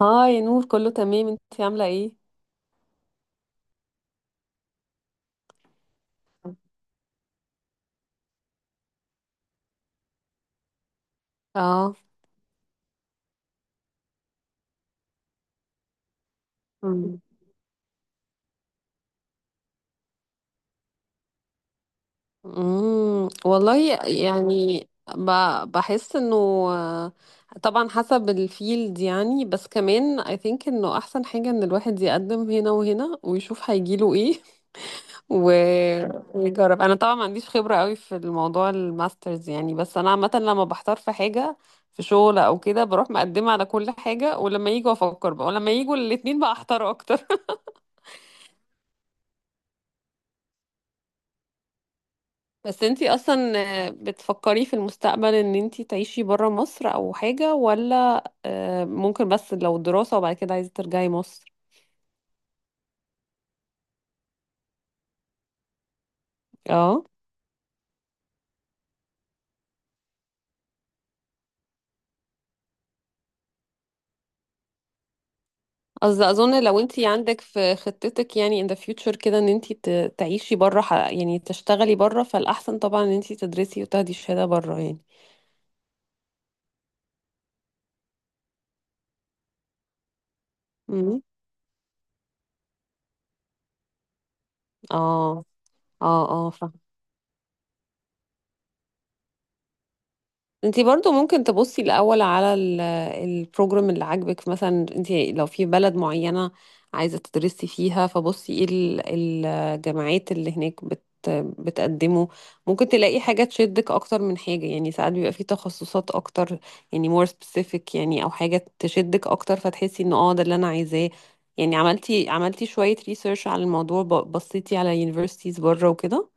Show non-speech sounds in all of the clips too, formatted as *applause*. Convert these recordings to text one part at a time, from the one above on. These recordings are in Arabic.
اه، يا نور، كله تمام. انتي عاملة ايه؟ اه. مم. مم. والله يعني، بحس انه آه، طبعا حسب الفيلد، يعني بس كمان I think انه احسن حاجة ان الواحد يقدم هنا وهنا ويشوف هيجيله ايه. *laughs* و... ويجرب. انا طبعا ما عنديش خبرة قوي في الموضوع الماسترز يعني، بس انا عامة لما بحتار في حاجة، في شغل او كده، بروح مقدمة على كل حاجة، ولما يجوا افكر بقى، ولما يجوا الاتنين بقى احتار اكتر. بس انتي اصلا بتفكري في المستقبل ان انتي تعيشي برا مصر او حاجة، ولا ممكن بس لو دراسة وبعد كده عايزة ترجعي مصر؟ اه. قصدي اظن لو انتي عندك في خطتك يعني in the future كده ان انتي تعيشي برا، يعني تشتغلي برا، فالاحسن طبعا ان انتي تدرسي وتاخدي شهادة برا يعني. امم. اه، اه، اه. انتي برضو ممكن تبصي الاول على البروجرام اللي عاجبك، مثلا انتي لو في بلد معينة عايزة تدرسي فيها، فبصي ايه الجامعات اللي هناك بتقدمه. ممكن تلاقي حاجة تشدك اكتر من حاجة. يعني ساعات بيبقى في تخصصات اكتر، يعني more specific يعني، او حاجة تشدك اكتر فتحسي ان ده اللي انا عايزاه. يعني عملتي شوية ريسيرش على الموضوع، بصيتي على universities بره وكده.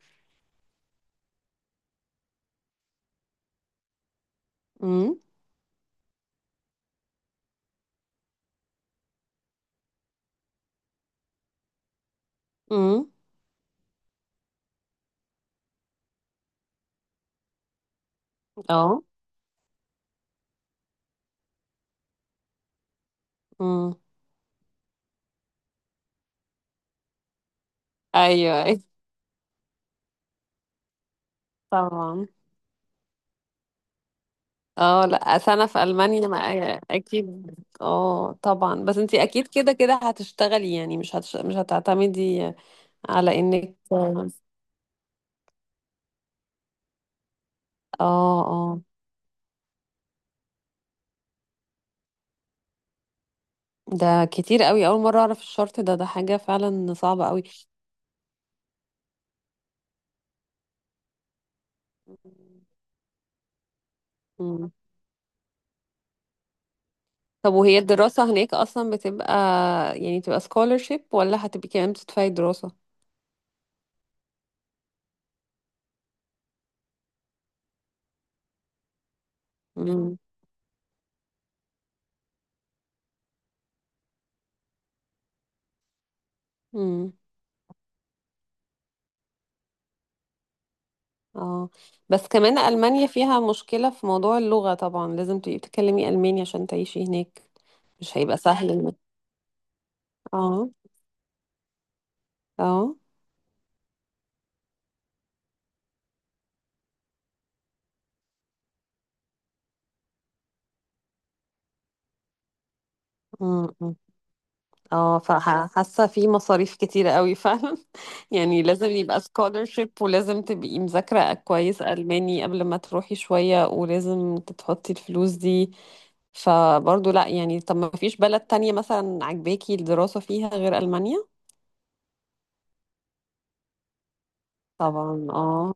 امم. امم. اه. امم. ايوه، أيوة. طبعا. اه. لا، سنة في ألمانيا ما أكيد. اه طبعا. بس انتي أكيد كده كده هتشتغلي، يعني مش هتعتمدي على انك. اه اه. ده كتير قوي، أول مرة أعرف الشرط ده. ده حاجة فعلا صعبة قوي. مم. طب وهي الدراسة هناك أصلا بتبقى يعني تبقى scholarship، ولا هتبقي كمان بتدفعي دراسة؟ مم. مم. اه. بس كمان ألمانيا فيها مشكلة في موضوع اللغة. طبعا لازم تبقي بتتكلمي ألماني عشان تعيشي هناك. مش هيبقى سهل. اه. اه. أمم، أمم. اه، فحاسه في مصاريف كتيره قوي فعلا. *laughs* يعني لازم يبقى scholarship، ولازم تبقي مذاكره كويس الماني قبل ما تروحي شويه، ولازم تحطي الفلوس دي. فبرضه لا يعني، طب ما فيش بلد تانية مثلا عجباكي الدراسه فيها غير المانيا؟ طبعا. اه.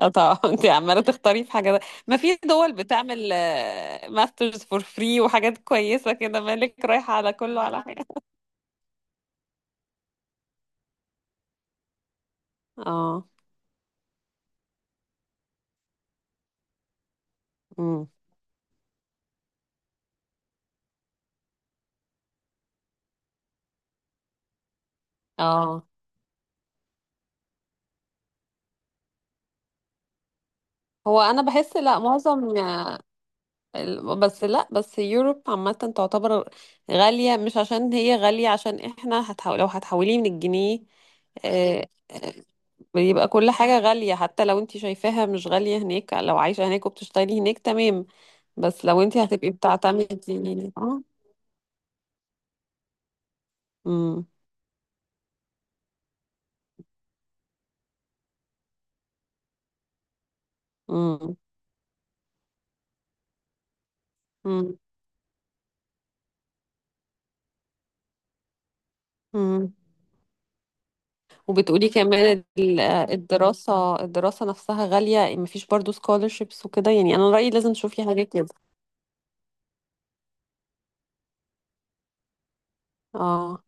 اه طبعا. *laughs* انت عماله تختاري في حاجه. ده ما في دول بتعمل ماسترز فور فري وحاجات كويسه كده، مالك رايحه على كله على حاجه. اه. امم. اه. هو انا بحس لا، معظم بس لا، بس يوروب عامة تعتبر غالية، مش عشان هي غالية، عشان احنا هتحول، لو هتحوليه من الجنيه. آه، آه، بيبقى كل حاجة غالية، حتى لو انت شايفاها مش غالية هناك. لو عايشة هناك وبتشتري هناك تمام، بس لو انت هتبقي بتعتمدي امم. امم. وبتقولي كمان الدراسة نفسها غالية، مفيش برضو scholarships وكده، يعني أنا رأيي لازم تشوفي حاجة كده. اه.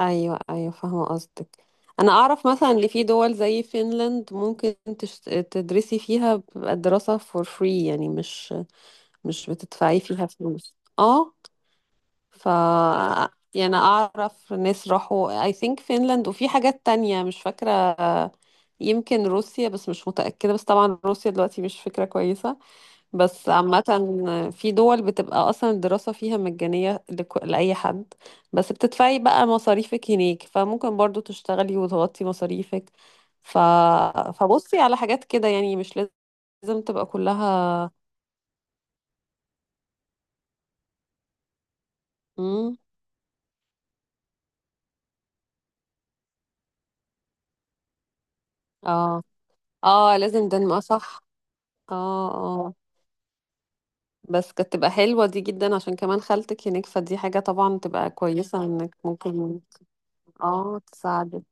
أيوة، أيوة، فاهمة قصدك. أنا أعرف مثلا اللي في دول زي فنلند، ممكن تدرسي فيها، بتبقى الدراسة for free يعني. مش بتدفعي فيها فلوس. اه. ف يعني أعرف ناس راحوا I think فنلند، وفي حاجات تانية مش فاكرة. يمكن روسيا، بس مش متأكدة، بس طبعا روسيا دلوقتي مش فكرة كويسة. بس عامة في دول بتبقى أصلا الدراسة فيها مجانية لأي حد، بس بتدفعي بقى مصاريفك هناك، فممكن برضو تشتغلي وتغطي مصاريفك. ف... فبصي على حاجات كده، يعني مش لازم تبقى كلها. مم. اه، اه، لازم دنمارك، صح. اه. اه. بس كانت تبقى حلوة دي جدا، عشان كمان خالتك هناك، فدي حاجة طبعا تبقى كويسة، انك ممكن اه تساعدك.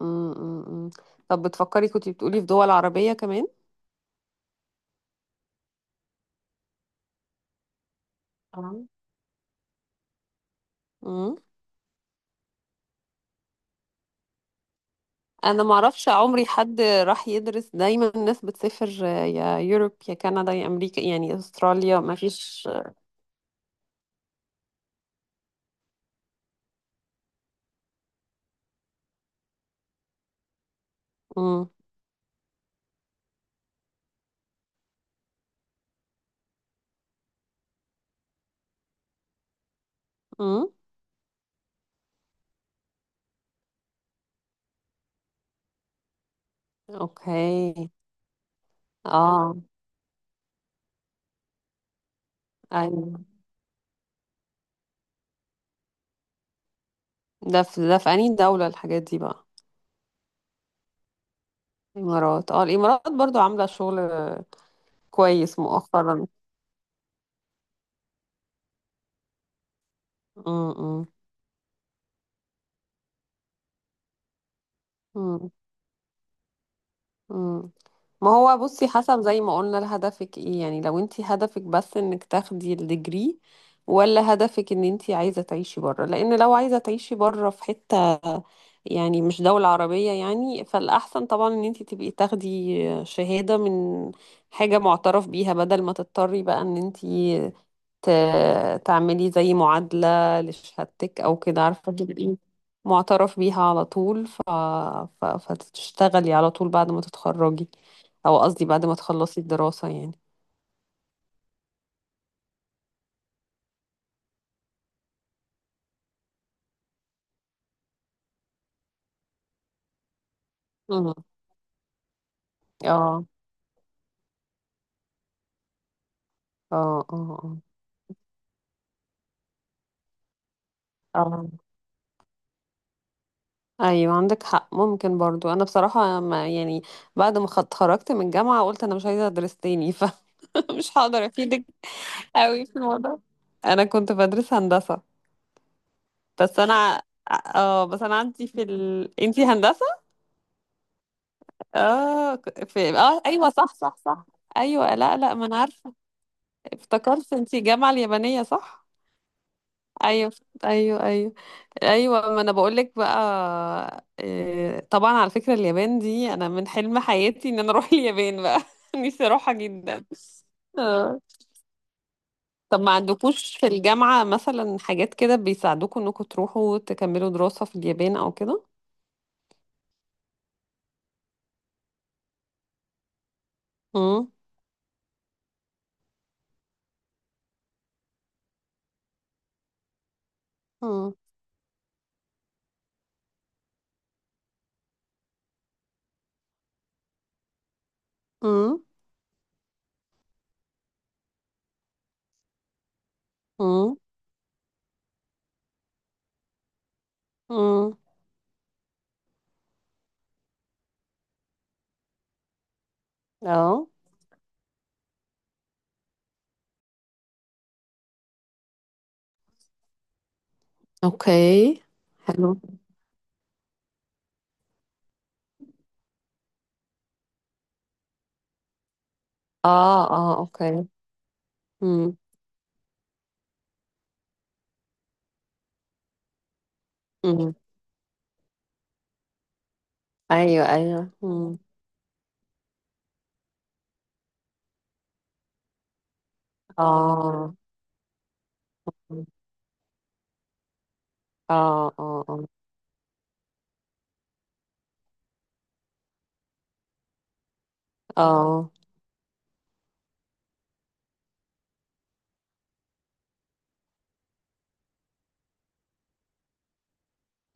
مم، مم، مم. طب بتفكري، كنتي بتقولي في دول عربية كمان؟ مم. انا ما اعرفش، عمري حد راح يدرس، دايما الناس بتسافر يا يوروب، يا كندا، يا امريكا، يعني استراليا ما فيش. مم. مم. اوكي. اه. ايوه. ده في، ده في انهي دولة الحاجات دي بقى؟ الامارات برضو عاملة شغل كويس مؤخرا. مم. مم. مم. ما هو بصي، حسب زي ما قلنا، لهدفك ايه؟ يعني لو انت هدفك بس انك تاخدي الديجري، ولا هدفك ان انت عايزة تعيشي بره؟ لان لو عايزة تعيشي بره في حتة، يعني مش دولة عربية، يعني فالاحسن طبعا ان انت تبقي تاخدي شهادة من حاجة معترف بيها، بدل ما تضطري بقى ان انت تعملي زي معادلة لشهادتك أو كده. عارفة تبقي معترف بيها على طول، فتشتغلي على طول بعد ما تتخرجي، أو قصدي بعد ما تخلصي الدراسة يعني. مم. اه، اه، اه، اه. آه. ايوه عندك حق. ممكن برضو، انا بصراحه ما يعني بعد ما اتخرجت من الجامعه قلت انا مش عايزه ادرس تاني. *laughs* فمش هقدر افيدك قوي في الموضوع. انا كنت بدرس هندسه. بس انا اه بس انا عندي في انتي هندسه. اه، في اه ايوه، صح، صح، صح. ايوه، لا، لا، ما انا عارفه. افتكرت انتي الجامعه اليابانيه، صح؟ ايوه. ايوه، ايوه، ايوه. ما انا بقول لك بقى إيه، طبعا على فكره اليابان دي انا من حلم حياتي ان انا *laughs* اروح اليابان بقى. *laughs* نفسي اروحها جدا. آه. طب ما عندكوش في الجامعه مثلا حاجات كده بيساعدوكوا انكم تروحوا تكملوا دراسه في اليابان او كده؟ امم. امم. امم. امم. اه. اوكي. حلو. اه، اه. اوكي. امم. امم. ايوه، ايوه. امم. اه، اه، اه، اه، اه.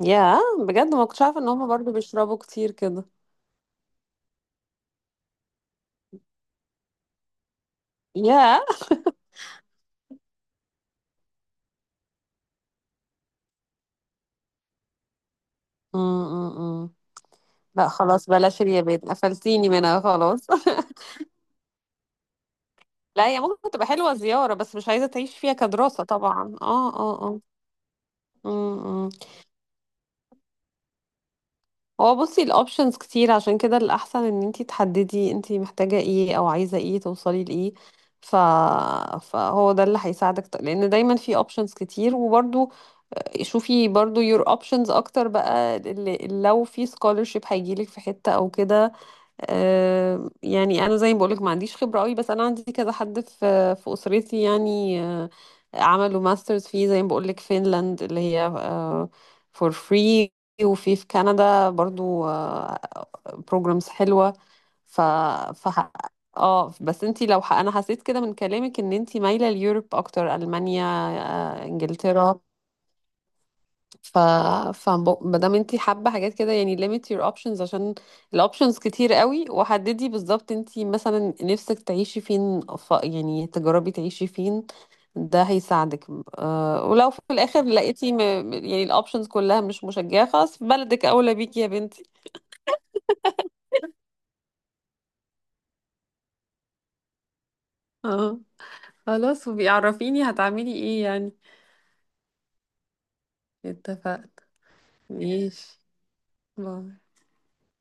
يا، بجد ما كنتش عارفه ان هم برضو بيشربوا كتير كده. يا. امم. لا خلاص، بلاش اليابان، قفلتيني منها خلاص. *laughs* لا هي ممكن تبقى حلوه زياره، بس مش عايزه تعيش فيها كدراسه طبعا. اه، اه، اه. امم. هو بصي، الاوبشنز كتير، عشان كده الاحسن ان انتي تحددي انتي محتاجة ايه او عايزة ايه، توصلي لايه. ف... فهو ده اللي هيساعدك، لان دايما في اوبشنز كتير. وبرده شوفي برضو your options اكتر بقى، اللي لو في scholarship هيجيلك في حتة او كده. يعني انا زي ما بقولك ما عنديش خبرة قوي، بس انا عندي كذا حد في اسرتي، يعني عملوا ماسترز فيه. زي ما بقولك فينلاند اللي هي for free. وفي كندا برضو programs حلوة. ف ف اه. بس انتي لو انا حسيت كده من كلامك ان انتي مايلة ليوروب اكتر، المانيا انجلترا. ف ف ما دام انت حابه حاجات كده يعني limit your options، عشان الاوبشنز كتير قوي. وحددي بالظبط انت مثلا نفسك تعيشي فين، يعني تجربي تعيشي فين. ده هيساعدك. ولو في الاخر لقيتي يعني الاوبشنز كلها مش مشجعه، خلاص بلدك اولى بيكي يا بنتي. اه. خلاص، وبيعرفيني هتعملي ايه يعني. اتفقت. ماشي. باي.